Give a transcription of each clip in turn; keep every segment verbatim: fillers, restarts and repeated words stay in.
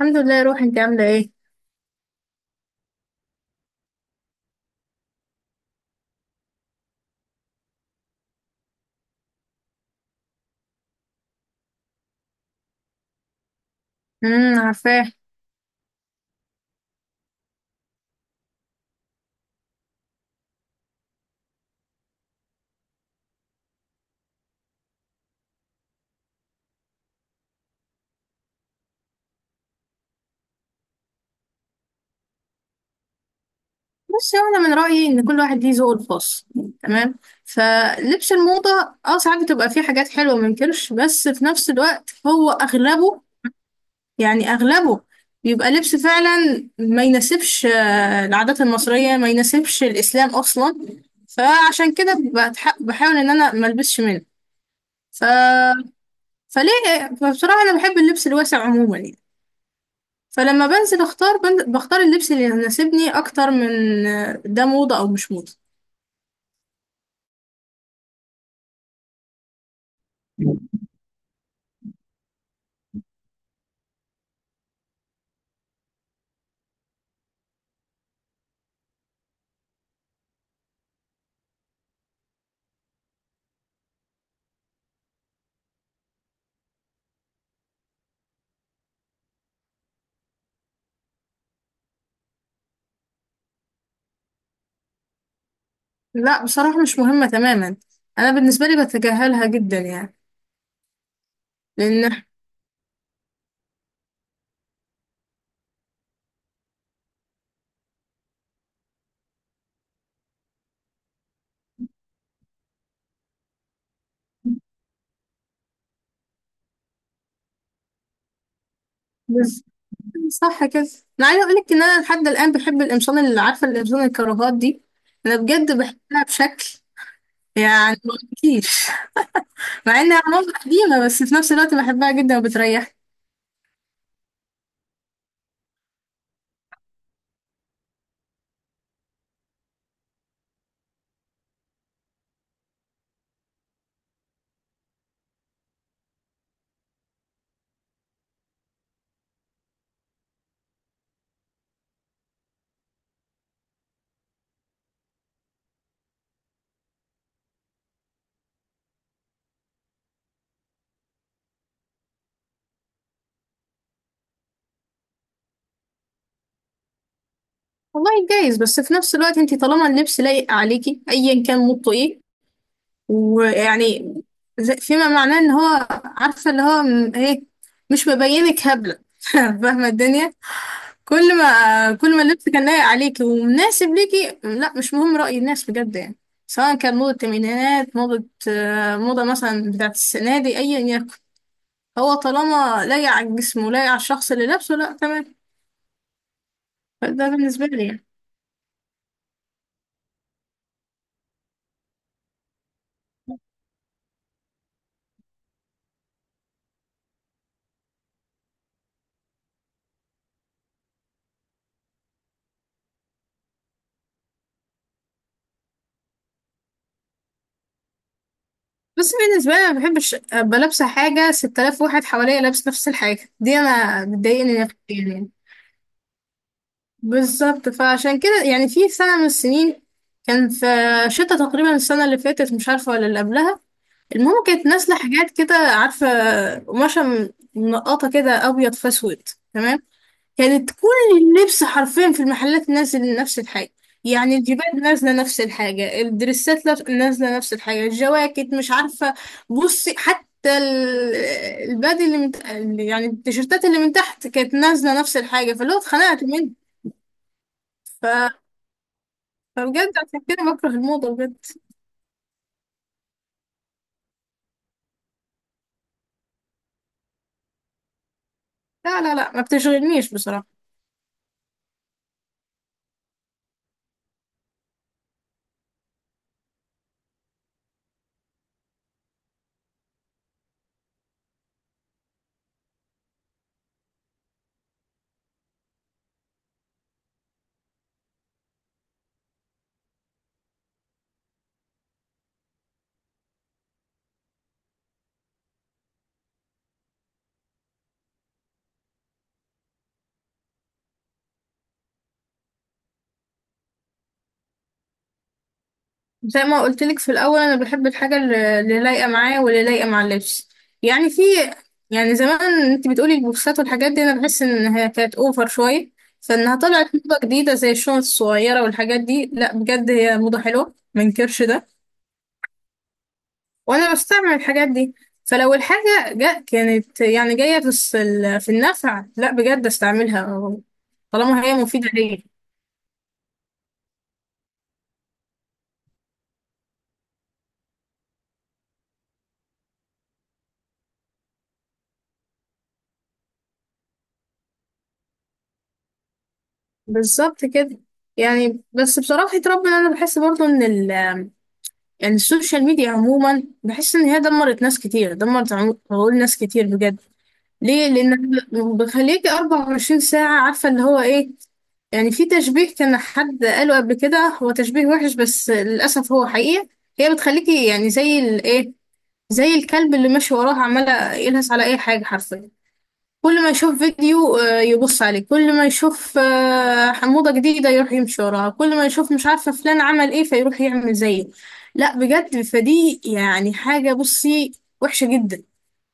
الحمد لله يا روحي، انت عامله ايه؟ امم عارفاه. بس يعني انا من رايي ان كل واحد ليه ذوقه الخاص. تمام. فلبس الموضه، اه ساعات بتبقى فيه حاجات حلوه ما انكرش، بس في نفس الوقت هو اغلبه، يعني اغلبه بيبقى لبس فعلا ما يناسبش آه، العادات المصريه، ما يناسبش الاسلام اصلا. فعشان كده بتح- بحاول ان انا ما البسش منه. ف... فليه فبصراحه انا بحب اللبس الواسع عموما يعني. فلما بنزل اختار بن- بختار اللبس اللي يناسبني اكتر من آه، ده موضة او مش موضة. لا، بصراحة مش مهمة تماما. انا بالنسبة لي بتجاهلها جدا يعني. لان بس- صح كده. انا عايزة اقولك ان انا لحد الان بحب القمصان، اللي عارفة القمصان الكراهات دي، انا بجد بحبها بشكل يعني ما اقولكيش. مع انها عملت قديمة بس في نفس الوقت بحبها جدا وبتريحني. والله جايز، بس في نفس الوقت انتي طالما اللبس لايق عليكي ايا كان موضته ايه، ويعني زي- فيما معناه ان هو عارفه اللي هو م- ايه، مش مبينك هبله، فاهمه الدنيا. كل ما كل ما اللبس كان لايق عليكي ومناسب ليكي، لا مش مهم راي الناس بجد يعني. سواء كان موضه الثمانينات، موضه آه، موضه مثلا بتاعت السنه دي ايا يكن، هو طالما لايق على الجسم ولايق على الشخص اللي لابسه، لا تمام. ده بالنسبه لي يعني. بس بالنسبه لي ما بحبش ابقى لابسه حاجه ستة آلاف واحد حواليا لابس نفس الحاجه دي، انا بتضايقني نفسيا يعني. بالظبط. فعشان كده يعني في سنة من السنين كان في شتاء، تقريبا السنة اللي فاتت مش عارفة ولا اللي قبلها، المهم كانت نازلة حاجات كده عارفة، قماشة منقطة كده أبيض في أسود. تمام. كانت كل اللبس حرفيا في المحلات نازل نفس الحاجة. يعني الجيبات نازلة نفس الحاجة، الدريسات لف- نازلة نفس الحاجة، الجواكت مش عارفة، بصي حتى ال- البادي اللي من يعني التيشيرتات اللي من تحت كانت نازلة نفس الحاجة. فاللي هو اتخنقت منه. فبجد عشان كده بكره الموضة بجد. لا لا لا، ما بتشغلنيش بصراحة. زي ما قلت لك في الأول، أنا بحب الحاجة اللي اللي لايقة معايا واللي لايقة مع اللبس يعني. في يعني زمان أنت بتقولي البوكسات والحاجات دي، أنا بحس إنها كانت أوفر شوية. فإنها طلعت موضة جديدة زي الشنط الصغيرة والحاجات دي، لا بجد هي موضة حلوة منكرش ده. وأنا بستعمل الحاجات دي. فلو الحاجة جا كانت يعني جاية في الس- في النفع، لا بجد استعملها. طالما هي مفيدة ليا. بالظبط كده. يعني بس بصراحة ربنا، أنا بحس برضو إن ال يعني السوشيال ميديا عموما، بحس إن هي دمرت ناس كتير، دمرت عمو- عقول ناس كتير بجد. ليه؟ لأن بخليكي 24 ساعة عارفة اللي هو إيه. يعني في تشبيه كان حد قاله قبل كده، هو تشبيه وحش بس للأسف هو حقيقة، هي بتخليكي يعني زي الإيه زي الكلب اللي ماشي وراه عمالة يلهث على أي حاجة حرفيا. كل ما يشوف فيديو آه، يبص عليه، كل ما يشوف آه، حموضة جديدة يروح يمشي وراها، كل ما يشوف مش عارفة فلان عمل ايه فيروح يعمل زيه. لا بجد فدي يعني حاجة، بصي، وحشة جدا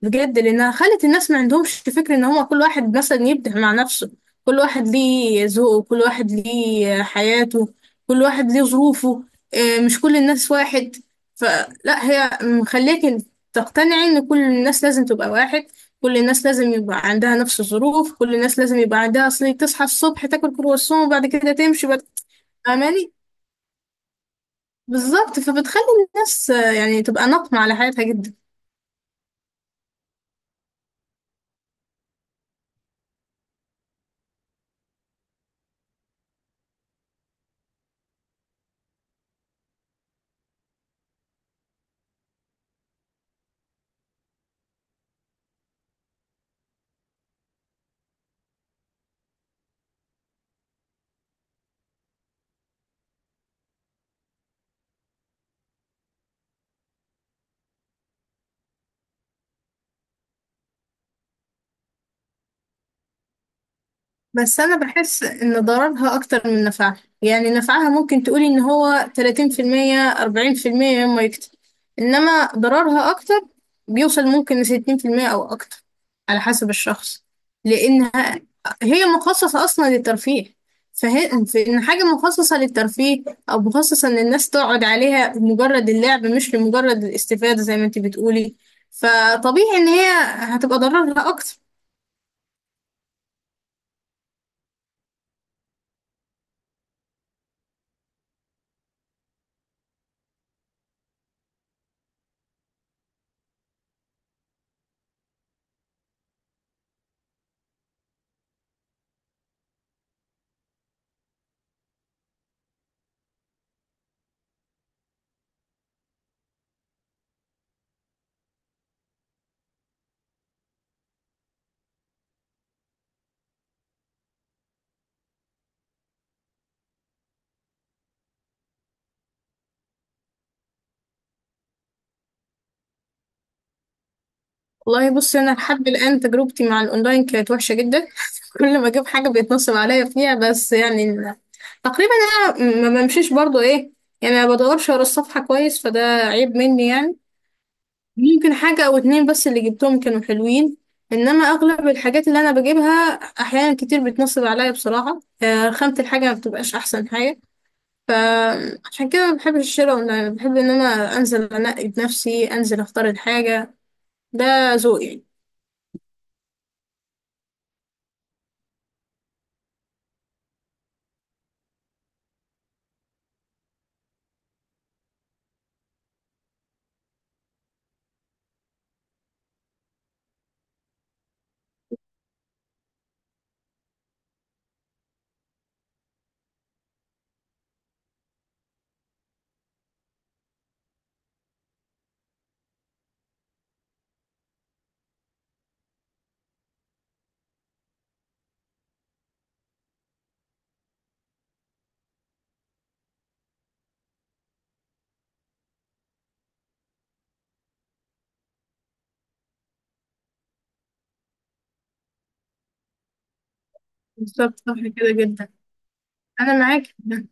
بجد. لانها خلت الناس ما عندهمش فكرة ان هو كل واحد مثلا يبدع مع نفسه. كل واحد ليه ذوقه، كل واحد ليه حياته، كل واحد ليه ظروفه. آه، مش كل الناس واحد. فلا هي مخليك تقتنعي ان كل الناس لازم تبقى واحد، كل الناس لازم يبقى عندها نفس الظروف، كل الناس لازم يبقى عندها اصل تصحى الصبح تاكل كرواسون وبعد كده تمشي بعد. فاهماني؟ بالظبط. فبتخلي الناس آه، يعني تبقى ناقمة على حياتها جدا. بس أنا بحس إن ضررها أكتر من نفعها. يعني نفعها ممكن تقولي إن هو تلاتين في المية، أربعين في المية مما يكتب، إنما ضررها أكتر، بيوصل ممكن لستين في المية أو أكتر، على حسب الشخص. لأنها هي مخصصة أصلا للترفيه. فهي في إن حاجة مخصصة للترفيه أو مخصصة إن الناس تقعد عليها لمجرد اللعب، مش لمجرد الاستفادة زي ما أنت بتقولي، فطبيعي إن هي هتبقى ضررها أكتر. والله بصي، انا لحد الان تجربتي مع الاونلاين كانت وحشه جدا. كل ما اجيب حاجه بيتنصب عليا فيها، بس يعني ال- تقريبا انا ما بمشيش برضو ايه، يعني ما بدورش ورا الصفحه كويس، فده عيب مني يعني. يمكن حاجه او اتنين بس اللي جبتهم كانوا حلوين، انما اغلب الحاجات اللي انا بجيبها احيانا كتير بتنصب عليا بصراحه، آه، خامه الحاجه ما بتبقاش احسن حاجه. فعشان كده ما بحبش الشراء اونلاين، بحب ان انا انزل انقي بنفسي، انزل اختار الحاجه. ده ذوقي يعني. بالظبط، صح كده جدا. انا معاك في ده.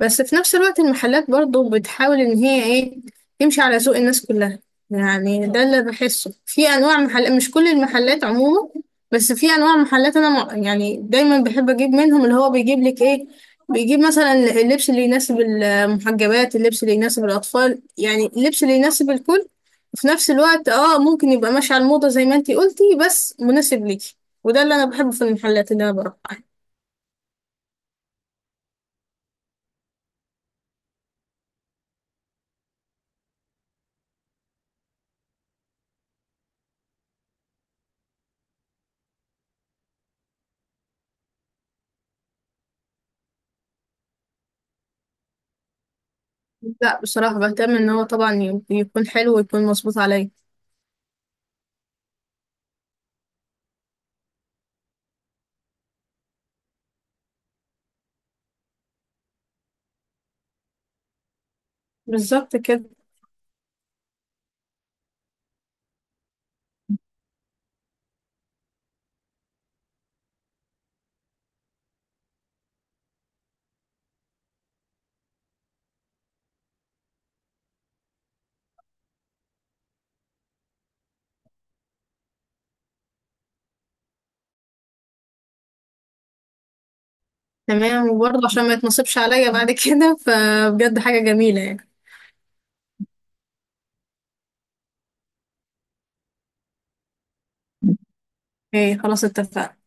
بس في نفس الوقت المحلات برضو بتحاول ان هي ايه، تمشي على ذوق الناس كلها. يعني ده اللي بحسه في انواع محلات، مش كل المحلات عموما، بس في انواع محلات انا مع- يعني دايما بحب اجيب منهم، اللي هو بيجيب لك ايه، بيجيب مثلا اللبس اللي يناسب المحجبات، اللبس اللي يناسب الاطفال، يعني اللبس اللي يناسب الكل. في نفس الوقت اه ممكن يبقى ماشي على الموضة زي ما انتي قلتي بس مناسب ليكي. وده اللي انا بحبه في المحلات اللي انا بروح. لا بصراحة بهتم ان هو طبعا ي- يكون حلو ويكون مظبوط عليا. بالظبط كده. تمام، وبرضه عشان ما يتنصبش عليا بعد كده فبجد حاجة جميلة يعني. ايه خلاص اتفقنا.